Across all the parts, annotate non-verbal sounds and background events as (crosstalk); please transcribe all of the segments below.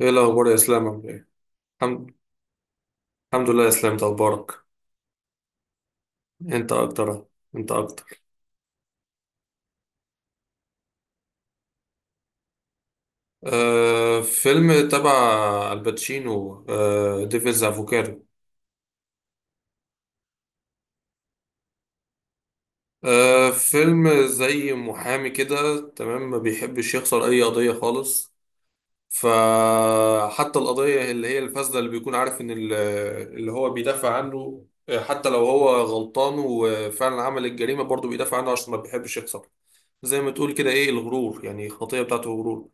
ايه الاخبار يا اسلام؟ عامل ايه؟ الحمد الحمد لله يا اسلام، اخبارك؟ انت اكتر انت اكتر. فيلم تبع الباتشينو، ديفيلز افوكادو. فيلم زي محامي كده، تمام؟ ما بيحبش يخسر اي قضية خالص. فحتى القضية اللي هي الفاسدة، اللي بيكون عارف ان اللي هو بيدافع عنه، حتى لو هو غلطان وفعلا عمل الجريمة، برضه بيدافع عنه عشان ما بيحبش يخسر. زي ما تقول كده ايه؟ الغرور، يعني الخطية بتاعته غرور.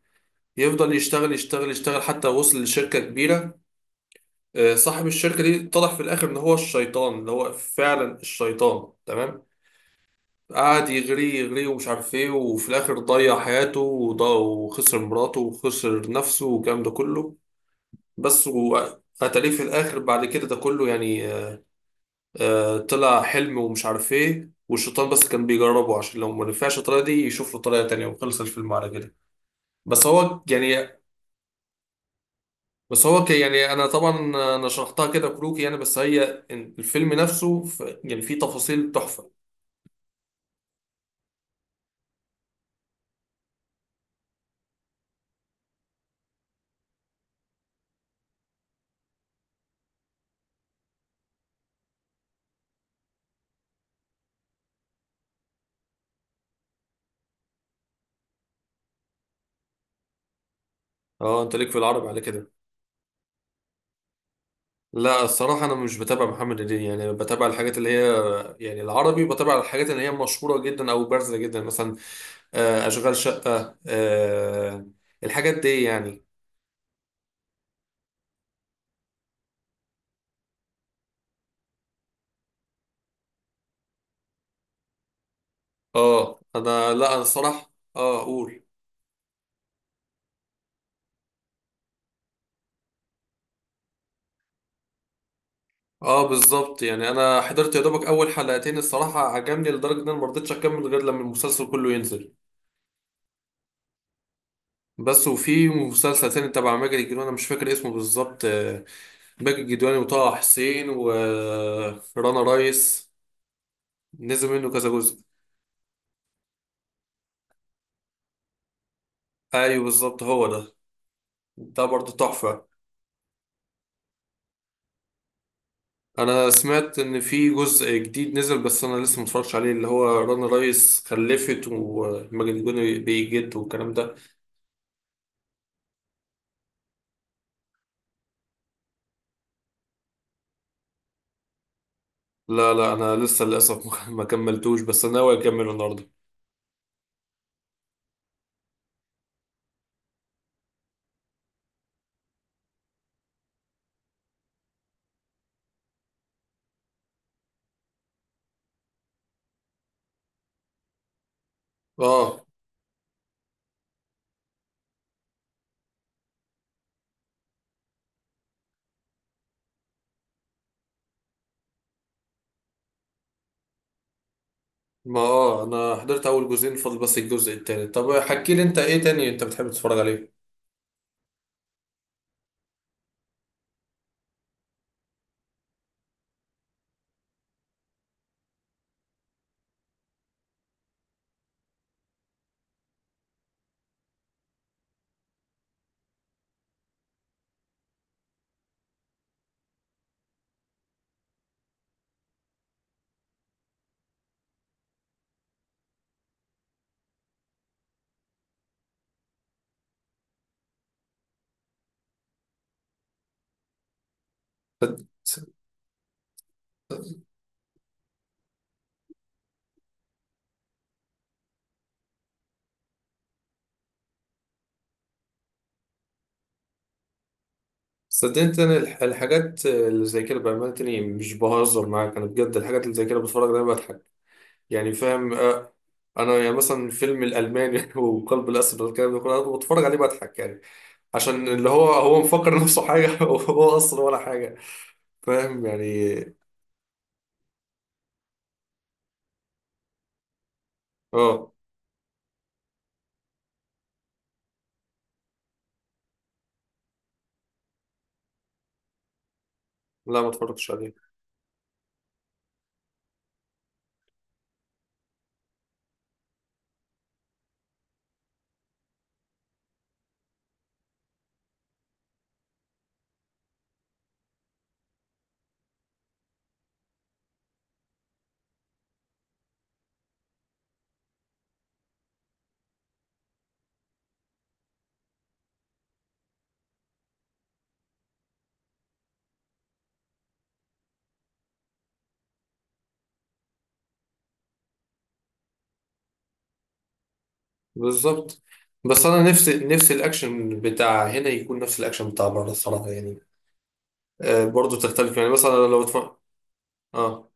يفضل يشتغل يشتغل يشتغل حتى وصل لشركة كبيرة. صاحب الشركة دي اتضح في الآخر إن هو الشيطان، اللي هو فعلا الشيطان، تمام. قعد يغري يغري ومش عارف إيه، وفي الآخر ضيع حياته وضا- وخسر مراته وخسر نفسه والكلام ده كله. بس وقتليه في الآخر بعد كده ده كله يعني. طلع حلم ومش عارف إيه، والشيطان بس كان بيجربه عشان لو ما نفعش الطريقة دي يشوف له طريقة تانية، وخلص الفيلم على كده. بس هو يعني. بس هو ك- يعني انا طبعا انا شرحتها كده كروكي يعني. بس هي الفيلم نفسه يعني فيه تفاصيل تحفه. اه انت ليك في العربي على كده. لا، الصراحه انا مش بتابع محمد هدية. يعني بتابع الحاجات اللي هي يعني العربي، بتابع الحاجات اللي هي مشهوره جدا او بارزه جدا مثلا. اشغال شقه، الحاجات دي يعني. اه انا، لا انا الصراحه اقول. اه بالظبط. يعني انا حضرت يا دوبك اول حلقتين، الصراحه عجبني لدرجه ان انا ما رضيتش اكمل غير لما المسلسل كله ينزل. بس وفي مسلسل تاني تبع ماجد الكدواني، انا مش فاكر اسمه بالظبط. ماجد الكدواني وطه حسين ورنا رايس. نزل منه كذا جزء. ايوه بالظبط، هو ده. ده برضه تحفة. انا سمعت ان في جزء جديد نزل بس انا لسه متفرجش عليه، اللي هو رنا رايس خلفت وماجد الكدواني بيجد والكلام ده. لا لا، انا لسه للاسف (laughs) ما كملتوش، بس انا ناوي اكمله النهارده. اه. ما اه انا حضرت اول جزئين، فاضل بس الجزء التالت. طب حكي لي انت ايه تاني انت بتحب تتفرج عليه؟ صد- صدقني، انا الحاجات اللي زي كده بامانه تاني مش بهزر معاك انا بجد. الحاجات اللي زي كده بتفرج عليها بضحك يعني، فاهم؟ انا يعني مثلا فيلم الالماني (laughs) وقلب الاسد والكلام ده كله، انا بتفرج عليه بضحك يعني. عشان اللي هو هو مفكر نفسه حاجه (laughs) وهو اصلا ولا حاجه، فاهم يعني. اه لا، ما اتفرجتش عليه. بالظبط. بس انا نفسي نفسي الاكشن بتاع هنا يكون نفس الاكشن بتاع بره الصراحه يعني. برضه تختلف يعني مثلا لو اه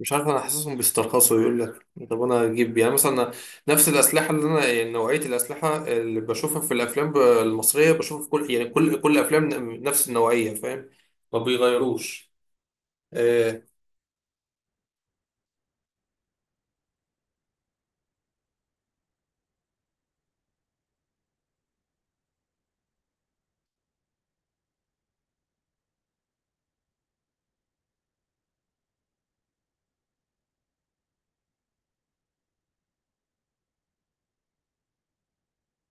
مش عارف. انا حاسسهم بيسترخصوا، يقول لك طب انا اجيب يعني مثلا نفس الاسلحه اللي انا يعني نوعيه الاسلحه اللي بشوفها في الافلام المصريه، بشوفها في كل يعني كل افلام نفس النوعيه، فاهم؟ ما بيغيروش. آه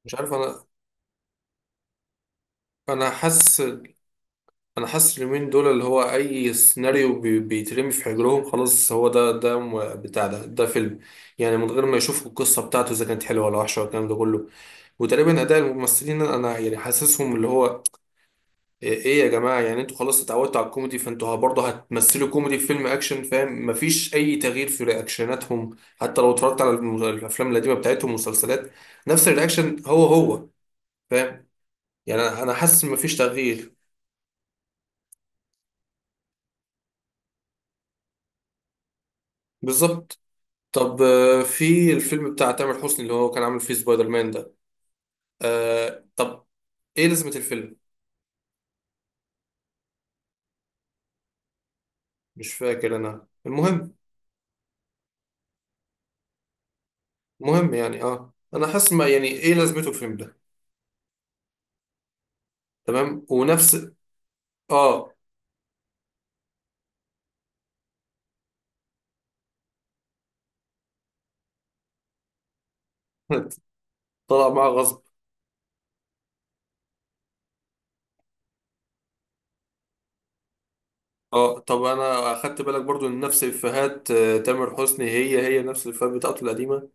مش عارف. انا حاسس انا حاسس اليومين دول اللي هو اي سيناريو بيترمي في حجرهم، خلاص هو ده. ده م- بتاع ده ده فيلم. يعني من غير ما يشوفوا القصه بتاعته اذا كانت حلوه ولا وحشه والكلام ده كله. وتقريبا اداء الممثلين، انا يعني حاسسهم اللي هو ايه، يا جماعه، يعني انتوا خلاص اتعودتوا على الكوميدي فانتوا برضه هتمثلوا كوميدي في فيلم اكشن، فاهم؟ مفيش اي تغيير في رياكشناتهم. حتى لو اتفرجت على الافلام القديمه بتاعتهم والمسلسلات، نفس الرياكشن هو هو، فاهم يعني. أنا حاسس إن مفيش تغيير. بالظبط. طب في الفيلم بتاع تامر حسني اللي هو كان عامل فيه سبايدر مان ده. طب ايه لازمة الفيلم؟ مش فاكر انا، المهم. المهم يعني، اه انا حاسس ما يعني، ايه لازمته الفيلم ده. تمام. ونفس اه (laughs) طلع معاه غصب. اه طب، انا اخدت بالك برضو ان نفس افيهات تامر حسني هي هي نفس الافيهات بتاعته القديمة.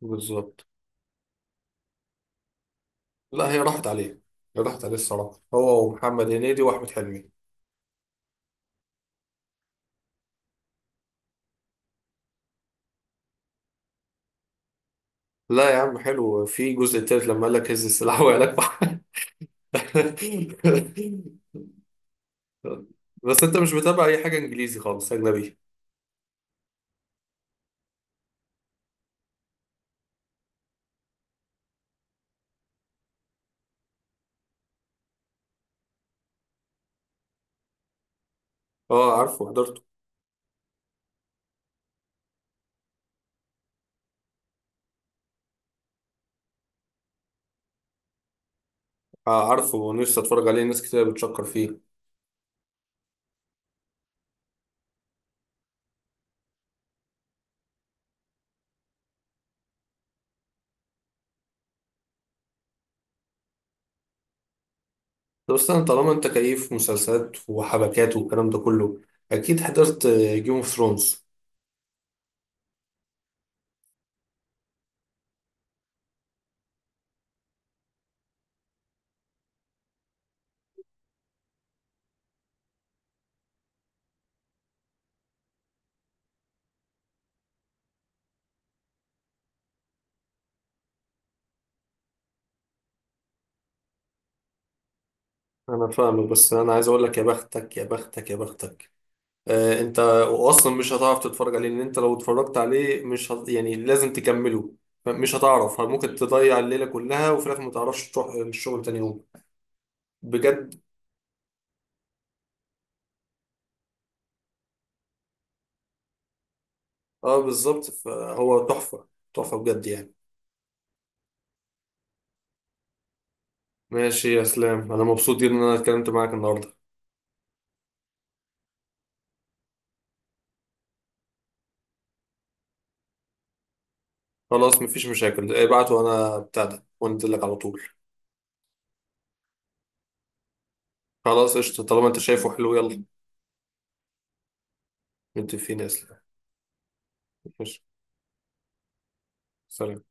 بالظبط. لا، هي راحت عليه الصراحة، هو ومحمد هنيدي واحمد حلمي. لا يا عم، حلو. في جزء تالت لما قال لك هز السلاح وقال لك (laughs) (laughs) بس انت مش متابع اي حاجه انجليزي خالص، اجنبي؟ اه عارفه، حضرته. عارفه، ونفسي اتفرج عليه، ناس كتير بتشكر فيه. طب استنى، طالما انت كيف مسلسلات وحبكات والكلام ده كله، اكيد حضرت جيم اوف ثرونز. انا فاهمك، بس انا عايز اقول لك يا بختك يا بختك يا بختك. انت اصلا مش هتعرف تتفرج عليه. لان انت لو اتفرجت عليه مش يعني لازم تكمله. مش هتعرف، ممكن تضيع الليله كلها وفي الاخر ما تعرفش تروح الشغل تاني يوم، بجد. اه بالظبط، فهو تحفة. تحفة بجد يعني. ماشي يا اسلام، انا مبسوط جدا ان انا اتكلمت معاك النهارده. خلاص مفيش مشاكل، ابعت وانا بتاع ده وانزل لك على طول. خلاص قشطة، طالما انت شايفه حلو، يلا. متفقين يا اسلام. ماشي. سلام.